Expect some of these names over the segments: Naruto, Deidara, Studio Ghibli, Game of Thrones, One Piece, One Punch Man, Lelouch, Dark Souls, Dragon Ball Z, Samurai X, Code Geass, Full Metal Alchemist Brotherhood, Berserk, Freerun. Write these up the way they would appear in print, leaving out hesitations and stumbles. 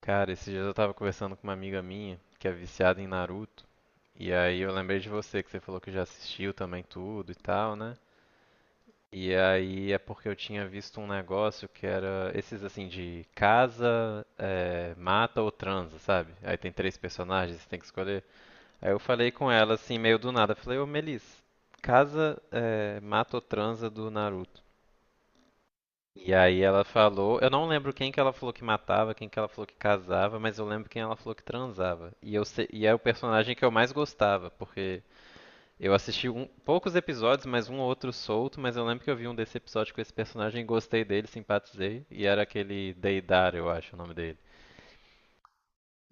Cara, esses dias eu tava conversando com uma amiga minha que é viciada em Naruto, e aí eu lembrei de você, que você falou que já assistiu também tudo e tal, né? E aí é porque eu tinha visto um negócio que era esses assim de casa, mata ou transa, sabe? Aí tem três personagens, você tem que escolher. Aí eu falei com ela assim, meio do nada, falei, ô Melis, casa, mata ou transa do Naruto. E aí ela falou, eu não lembro quem que ela falou que matava, quem que ela falou que casava, mas eu lembro quem ela falou que transava. E eu e é o personagem que eu mais gostava, porque eu assisti poucos episódios, mas um ou outro solto, mas eu lembro que eu vi um desse episódio com esse personagem, gostei dele, simpatizei, e era aquele Deidara, eu acho o nome dele.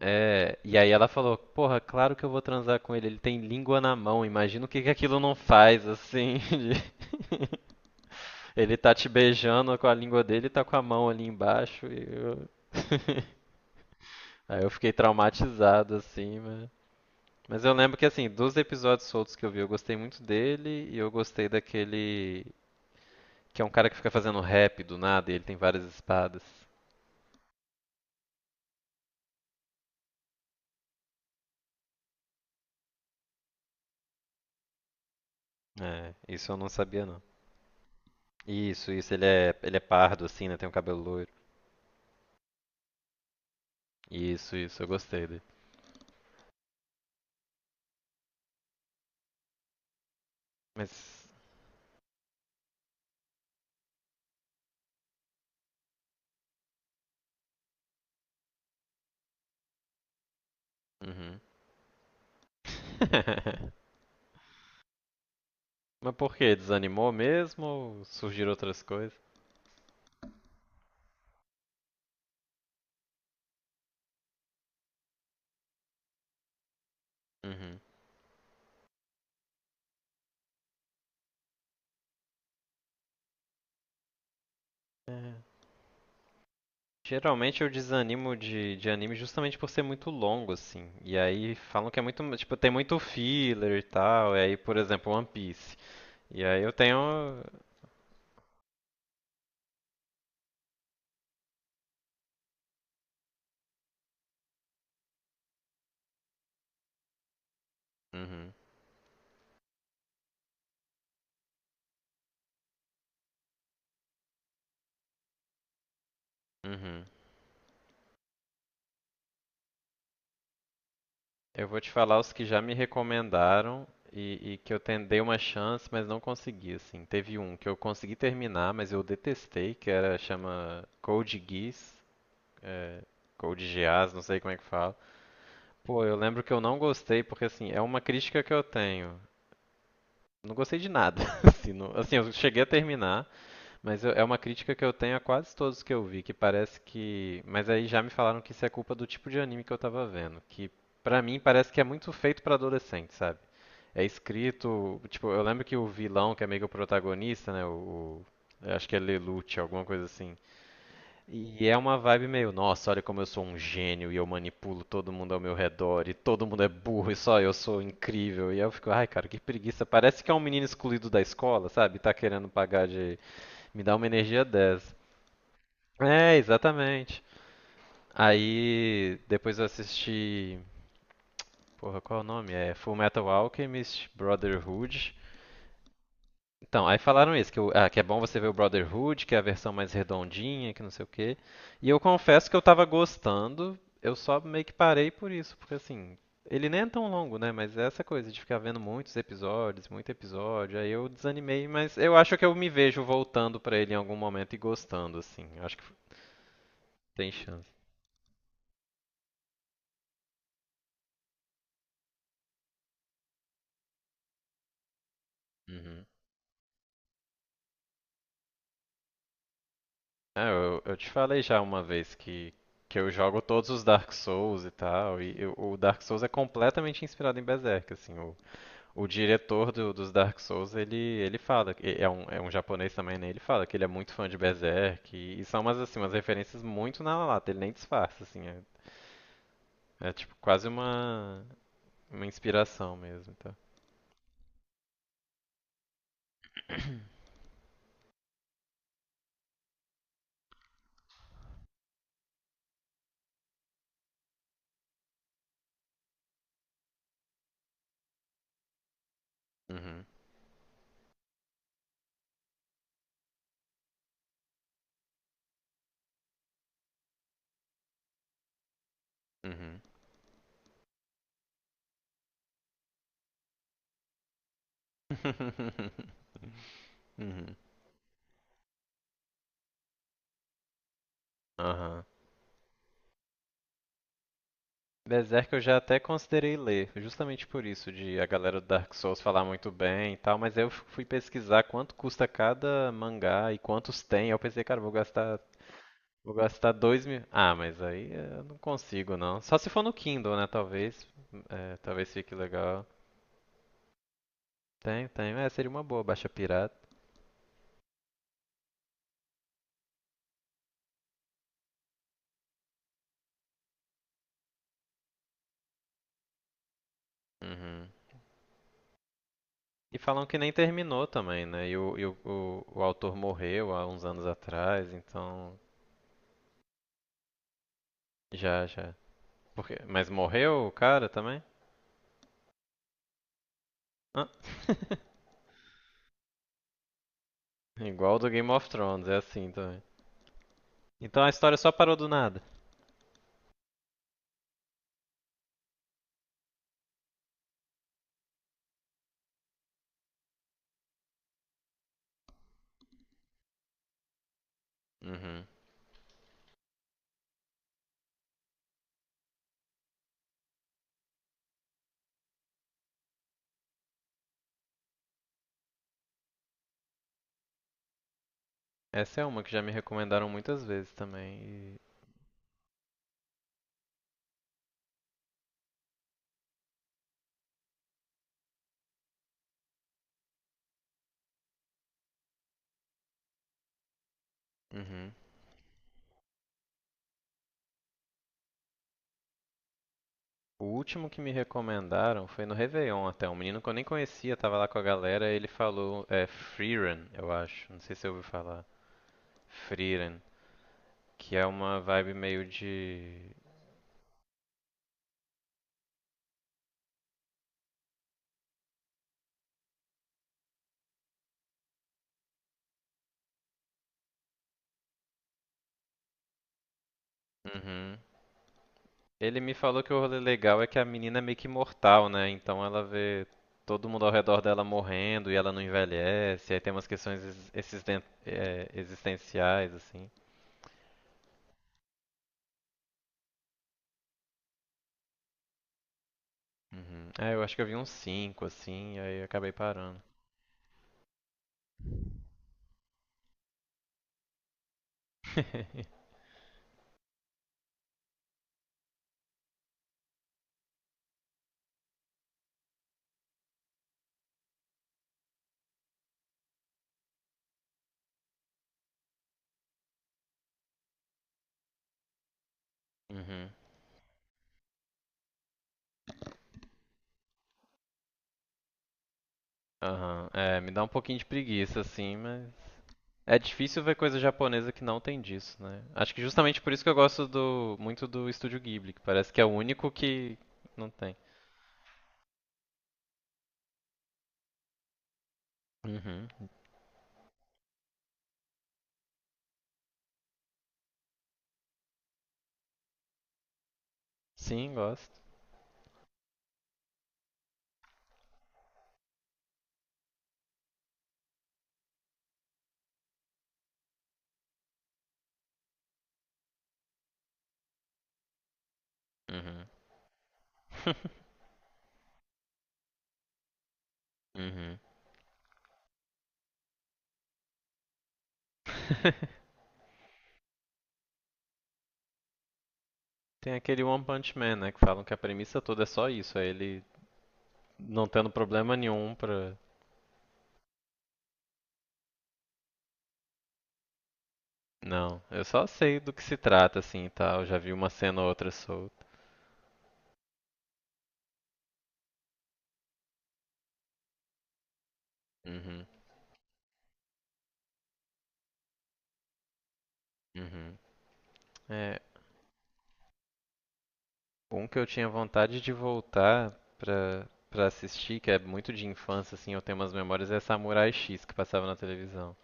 É, e aí ela falou, porra, claro que eu vou transar com ele, ele tem língua na mão, imagina o que que aquilo não faz, assim, de- ele tá te beijando com a língua dele e tá com a mão ali embaixo, e eu... Aí eu fiquei traumatizado, assim, mas... Mas eu lembro que, assim, dos episódios soltos que eu vi, eu gostei muito dele e eu gostei daquele... Que é um cara que fica fazendo rap do nada e ele tem várias espadas. É, isso eu não sabia, não. Isso, ele é pardo, assim, né? Tem um cabelo loiro. Isso, eu gostei dele. Mas... Uhum. Mas por quê? Desanimou mesmo ou surgiram outras coisas? Uhum. É. Geralmente eu desanimo de anime justamente por ser muito longo, assim. E aí falam que é muito, tipo, tem muito filler e tal. E aí, por exemplo, One Piece. E aí eu tenho. Uhum, uhum. Eu vou te falar os que já me recomendaram e que eu dei uma chance, mas não consegui, assim. Teve um que eu consegui terminar, mas eu detestei, que era, chama Code Geass. É, Code Geass, não sei como é que fala. Pô, eu lembro que eu não gostei, porque assim, é uma crítica que eu tenho. Não gostei de nada. Assim, não- assim, eu cheguei a terminar, mas eu- é uma crítica que eu tenho a quase todos que eu vi, que parece que. Mas aí já me falaram que isso é culpa do tipo de anime que eu tava vendo, que pra mim parece que é muito feito pra adolescente, sabe? É escrito, tipo, eu lembro que o vilão, que é meio que o protagonista, né, eu acho que é Lelouch, alguma coisa assim. E é uma vibe meio, nossa, olha como eu sou um gênio e eu manipulo todo mundo ao meu redor e todo mundo é burro e só eu sou incrível. E eu fico, ai, cara, que preguiça. Parece que é um menino excluído da escola, sabe? Tá querendo pagar de. Me dá uma energia 10. É, exatamente. Aí depois eu assisti. Porra, qual é o nome? É Full Metal Alchemist Brotherhood. Então, aí falaram isso, que é bom você ver o Brotherhood, que é a versão mais redondinha, que não sei o quê. E eu confesso que eu tava gostando, eu só meio que parei por isso, porque assim, ele nem é tão longo, né? Mas é essa coisa de ficar vendo muitos episódios, muito episódio, aí eu desanimei, mas eu acho que eu me vejo voltando pra ele em algum momento e gostando, assim. Acho que tem chance. Uhum. É, eu te falei já uma vez que eu jogo todos os Dark Souls e tal, e eu- o Dark Souls é completamente inspirado em Berserk, assim, o O diretor do- dos Dark Souls, ele fala, que- é um, japonês também, né? Ele fala que ele é muito fã de Berserk e são umas, assim, umas referências muito na lata, ele nem disfarça, assim, é, tipo quase uma inspiração mesmo, tá? Uhum, uhum. Aham. Berserk eu já até considerei ler, justamente por isso, de a galera do Dark Souls falar muito bem e tal, mas aí eu fui pesquisar quanto custa cada mangá e quantos tem, aí eu pensei, cara, eu vou gastar. Vou gastar 2.000. Ah, mas aí eu não consigo não. Só se for no Kindle, né? Talvez. É, talvez fique legal. Tem, tem. É, seria uma boa, baixa pirata. Uhum. E falam que nem terminou também, né? E o autor morreu há uns anos atrás, então. Já, já. Por quê? Mas morreu o cara também? Ah. Igual do Game of Thrones, é assim também. Então a história só parou do nada. Uhum. Essa é uma que já me recomendaram muitas vezes também. E- Uhum. O último que me recomendaram foi no Réveillon até. Um menino que eu nem conhecia, tava lá com a galera, ele falou, é Freerun, eu acho. Não sei se você ouviu falar. Freerun, que é uma vibe meio de. Uhum. Ele me falou que o rolê legal é que a menina é meio que imortal, né? Então ela vê todo mundo ao redor dela morrendo e ela não envelhece. Aí tem umas questões existenciais, assim. Uhum. Ah, eu acho que eu vi uns cinco, assim, e aí eu acabei parando. Uhum. Aham. É, me dá um pouquinho de preguiça, assim, mas. É difícil ver coisa japonesa que não tem disso, né? Acho que justamente por isso que eu gosto do, muito do Estúdio Ghibli, que parece que é o único que não tem. Uhum. Sim, gosto. Uhum. Uhum. Tem aquele One Punch Man, né? Que falam que a premissa toda é só isso, é ele não tendo problema nenhum pra. Não, eu só sei do que se trata, assim e tal. Já vi uma cena ou outra solta. Uhum. Uhum. É. Um que eu tinha vontade de voltar pra, pra assistir, que é muito de infância, assim, eu tenho umas memórias, é Samurai X, que passava na televisão.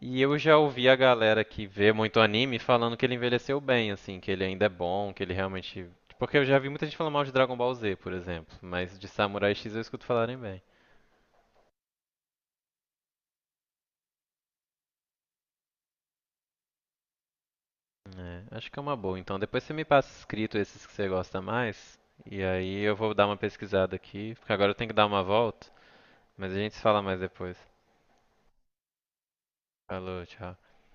E eu já ouvi a galera que vê muito anime falando que ele envelheceu bem, assim, que ele ainda é bom, que ele realmente. Porque eu já vi muita gente falando mal de Dragon Ball Z, por exemplo, mas de Samurai X eu escuto falarem bem. É, acho que é uma boa. Então depois você me passa escrito esses que você gosta mais, e aí eu vou dar uma pesquisada aqui, porque agora eu tenho que dar uma volta, mas a gente se fala mais depois. Falou, tchau.